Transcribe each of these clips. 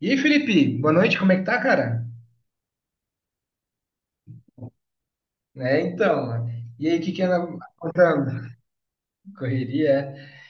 E aí, Felipe, boa noite, como é que tá, cara? É, então, mano. E aí, o que que anda contando? Correria, é.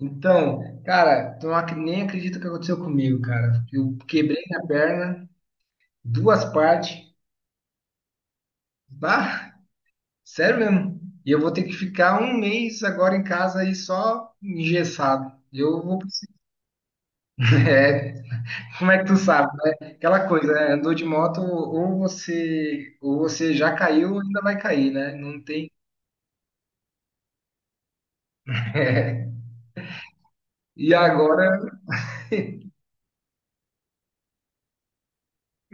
Então, cara, tu não nem acredito o que aconteceu comigo, cara. Eu quebrei a perna, duas partes, bah, sério mesmo. E eu vou ter que ficar um mês agora em casa aí só engessado. Eu vou, é, como é que tu sabe, né? Aquela coisa, né? Andou de moto, ou você já caiu, ou ainda vai cair, né? Não tem. E agora.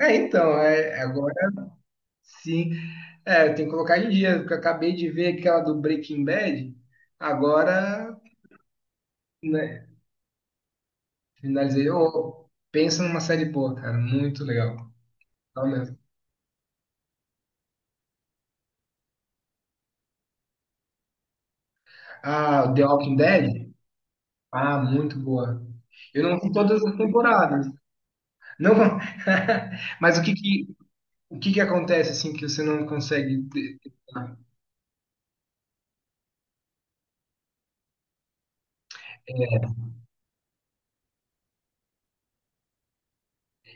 É, então, agora sim. É, tem que colocar em dia, porque eu acabei de ver aquela do Breaking Bad. Agora, né, finalizei. Ô, pensa numa série boa, cara. Muito legal. Legal mesmo. Ah, The Walking Dead? Ah, muito boa. Eu não vi todas as temporadas. Não, mas o que que acontece assim que você não consegue?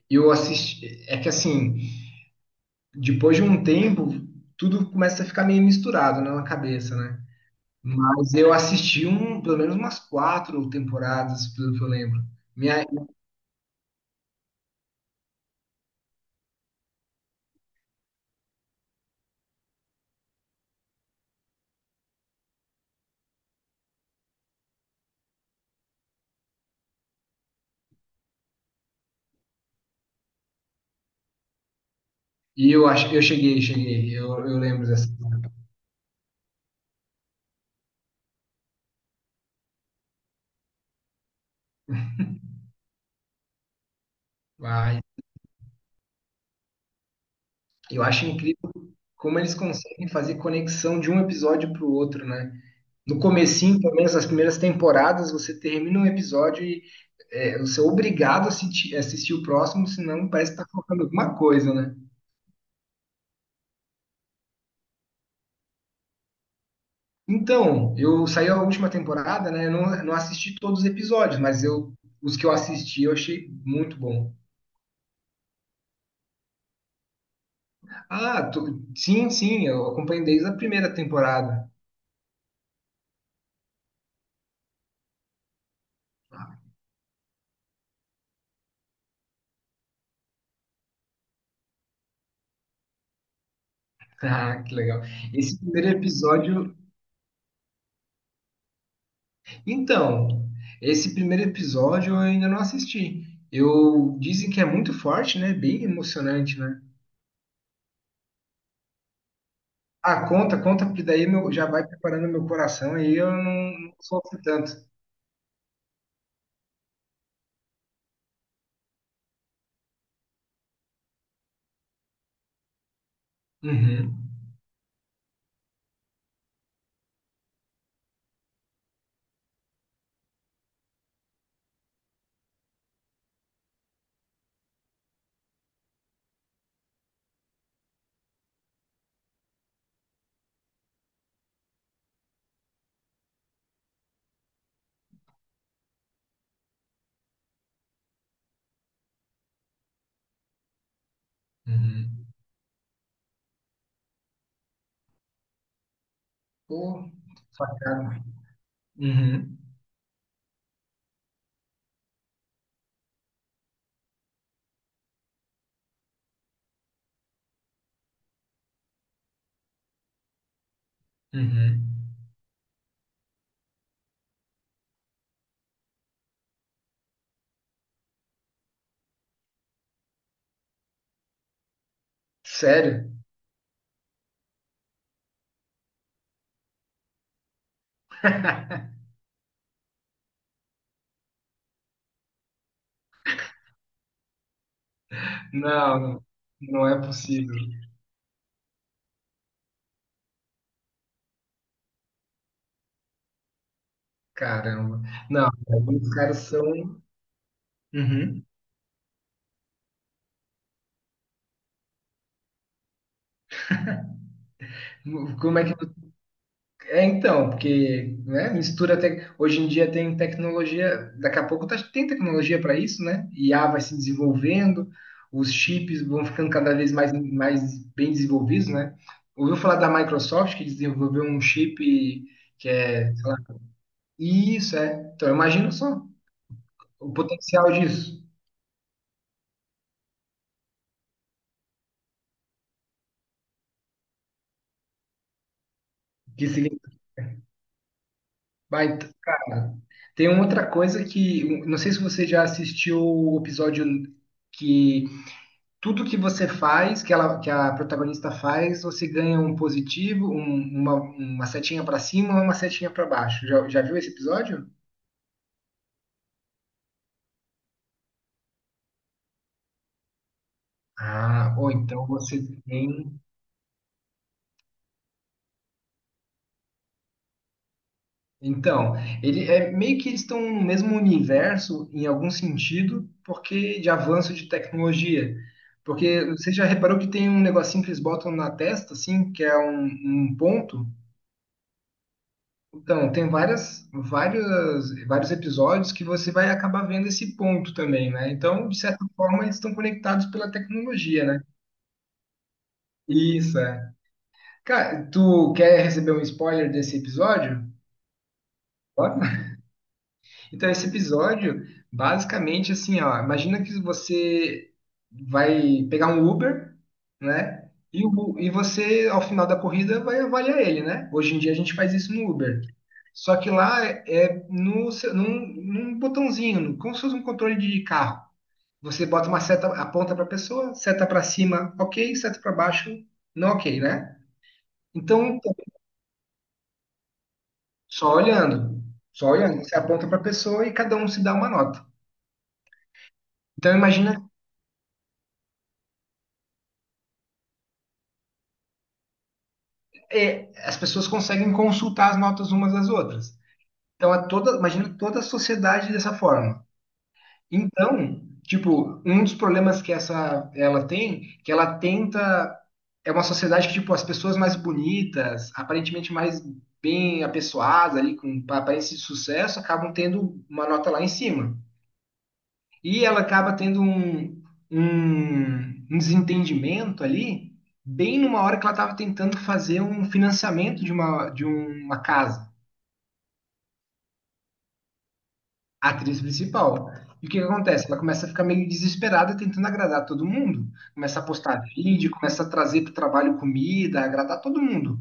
Eu assisti, é que assim, depois de um tempo, tudo começa a ficar meio misturado na cabeça, né? Mas eu assisti um, pelo menos umas quatro temporadas, pelo que eu lembro. Minha, e eu acho que eu cheguei. Eu lembro dessa. Mas eu acho incrível como eles conseguem fazer conexão de um episódio para o outro, né? No comecinho, pelo menos nas primeiras temporadas, você termina um episódio e você é obrigado a assistir o próximo, senão parece que tá faltando alguma coisa, né? Então, eu saí a última temporada, né? Eu não assisti todos os episódios, mas os que eu assisti eu achei muito bom. Ah, sim, sim, eu acompanho desde a primeira temporada. Ah, que legal. Esse primeiro episódio. Então, esse primeiro episódio eu ainda não assisti. Eu dizem que é muito forte, né? Bem emocionante, né? Ah, conta, conta, porque daí meu, já vai preparando meu coração aí eu não sofro tanto. Uhum. Uhum. Pô, facada. Uhum. Uhum. Sério? Não, não é possível. Caramba. Não, os caras são. Uhum. Como é que. É então, porque, né, mistura até. Hoje em dia tem tecnologia, daqui a pouco tem tecnologia para isso, né? IA vai se desenvolvendo, os chips vão ficando cada vez mais bem desenvolvidos, né? Ouviu falar da Microsoft que desenvolveu um chip que é, sei lá, isso, é. Então, imagina só o potencial disso. Que significa. Vai, cara, tem uma outra coisa que. Não sei se você já assistiu o episódio que tudo que você faz, que a protagonista faz, você ganha um positivo, uma setinha para cima, ou uma setinha para baixo. Já viu esse episódio? Ah, ou então você tem. Então, ele é meio que eles estão no mesmo universo em algum sentido, porque de avanço de tecnologia. Porque você já reparou que tem um negocinho que eles botam na testa, assim, que é um ponto, então, tem vários episódios que você vai acabar vendo esse ponto também, né? Então, de certa forma, eles estão conectados pela tecnologia, né? Isso, é. Cara, tu quer receber um spoiler desse episódio? Então, esse episódio, basicamente, assim, ó, imagina que você vai pegar um Uber, né? E você, ao final da corrida, vai avaliar ele, né? Hoje em dia a gente faz isso no Uber. Só que lá é no, seu- num, num botãozinho, como se fosse um controle de carro. Você bota uma seta, aponta para a pessoa, seta para cima, ok, seta para baixo, não ok, né? Então, só olhando, só olhando, você aponta para a pessoa e cada um se dá uma nota. Então, imagina as pessoas conseguem consultar as notas umas das outras. Então, é toda, imagina toda a sociedade dessa forma. Então, tipo, um dos problemas que essa ela tem, que ela tenta é uma sociedade que tipo as pessoas mais bonitas, aparentemente mais bem apessoadas ali com aparência de sucesso, acabam tendo uma nota lá em cima. E ela acaba tendo um desentendimento ali, bem numa hora que ela estava tentando fazer um financiamento de uma casa, a atriz principal. E o que que acontece? Ela começa a ficar meio desesperada tentando agradar todo mundo. Começa a postar vídeo, começa a trazer para o trabalho comida, agradar todo mundo.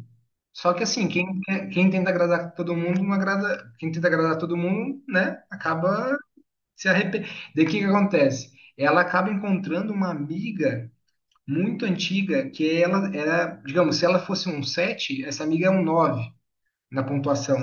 Só que assim, quem tenta agradar todo mundo, não agrada, quem tenta agradar todo mundo, né, acaba se arrependendo. Daí o que que acontece? Ela acaba encontrando uma amiga muito antiga, que ela era, digamos, se ela fosse um 7, essa amiga é um 9 na pontuação.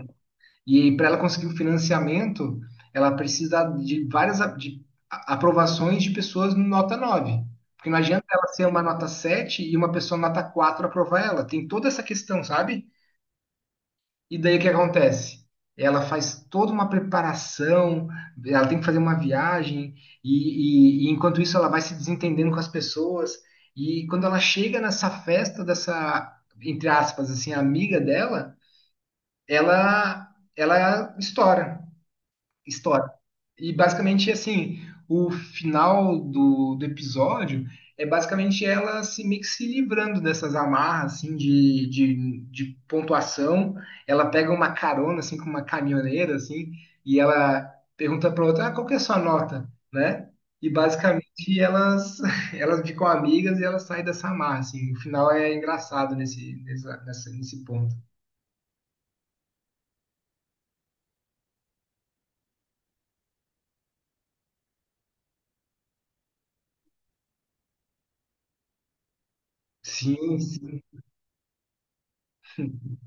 E para ela conseguir o financiamento, ela precisa de várias aprovações de pessoas nota 9. Porque não adianta ela ser uma nota 7 e uma pessoa nota 4 aprovar ela. Tem toda essa questão, sabe? E daí o que acontece? Ela faz toda uma preparação, ela tem que fazer uma viagem, e enquanto isso ela vai se desentendendo com as pessoas. E quando ela chega nessa festa dessa, entre aspas, assim, amiga dela, ela, ela estoura história. E basicamente, assim, o final do episódio é basicamente ela se, meio que se livrando dessas amarras, assim, de pontuação. Ela pega uma carona, assim, com uma caminhoneira, assim, e ela pergunta para outra, ah, qual que é a sua nota, né? E basicamente elas, elas ficam amigas e elas saem dessa amarra, assim. O final é engraçado nesse ponto. Sim, sim.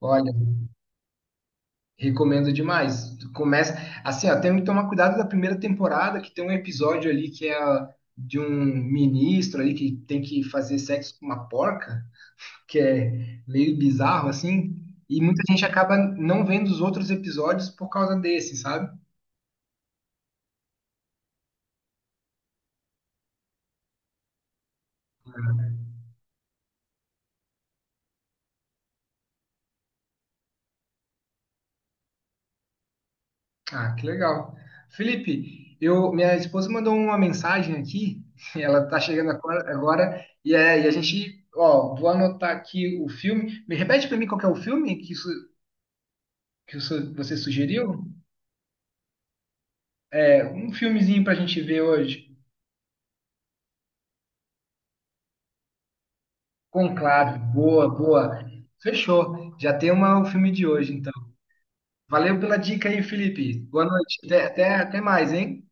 Olha. Recomendo demais. Tu começa assim, ó, tem que tomar cuidado da primeira temporada, que tem um episódio ali que é de um ministro ali que tem que fazer sexo com uma porca, que é meio bizarro assim, e muita gente acaba não vendo os outros episódios por causa desse, sabe? Ah, que legal. Felipe, minha esposa mandou uma mensagem aqui, ela tá chegando agora, agora, e a gente, ó, vou anotar aqui o filme. Me repete para mim qual que é o filme que você sugeriu? É, um filmezinho pra gente ver hoje. Conclave, boa, boa. Fechou. Já tem uma, o filme de hoje, então. Valeu pela dica aí, Felipe. Boa noite. Até, até, até mais, hein?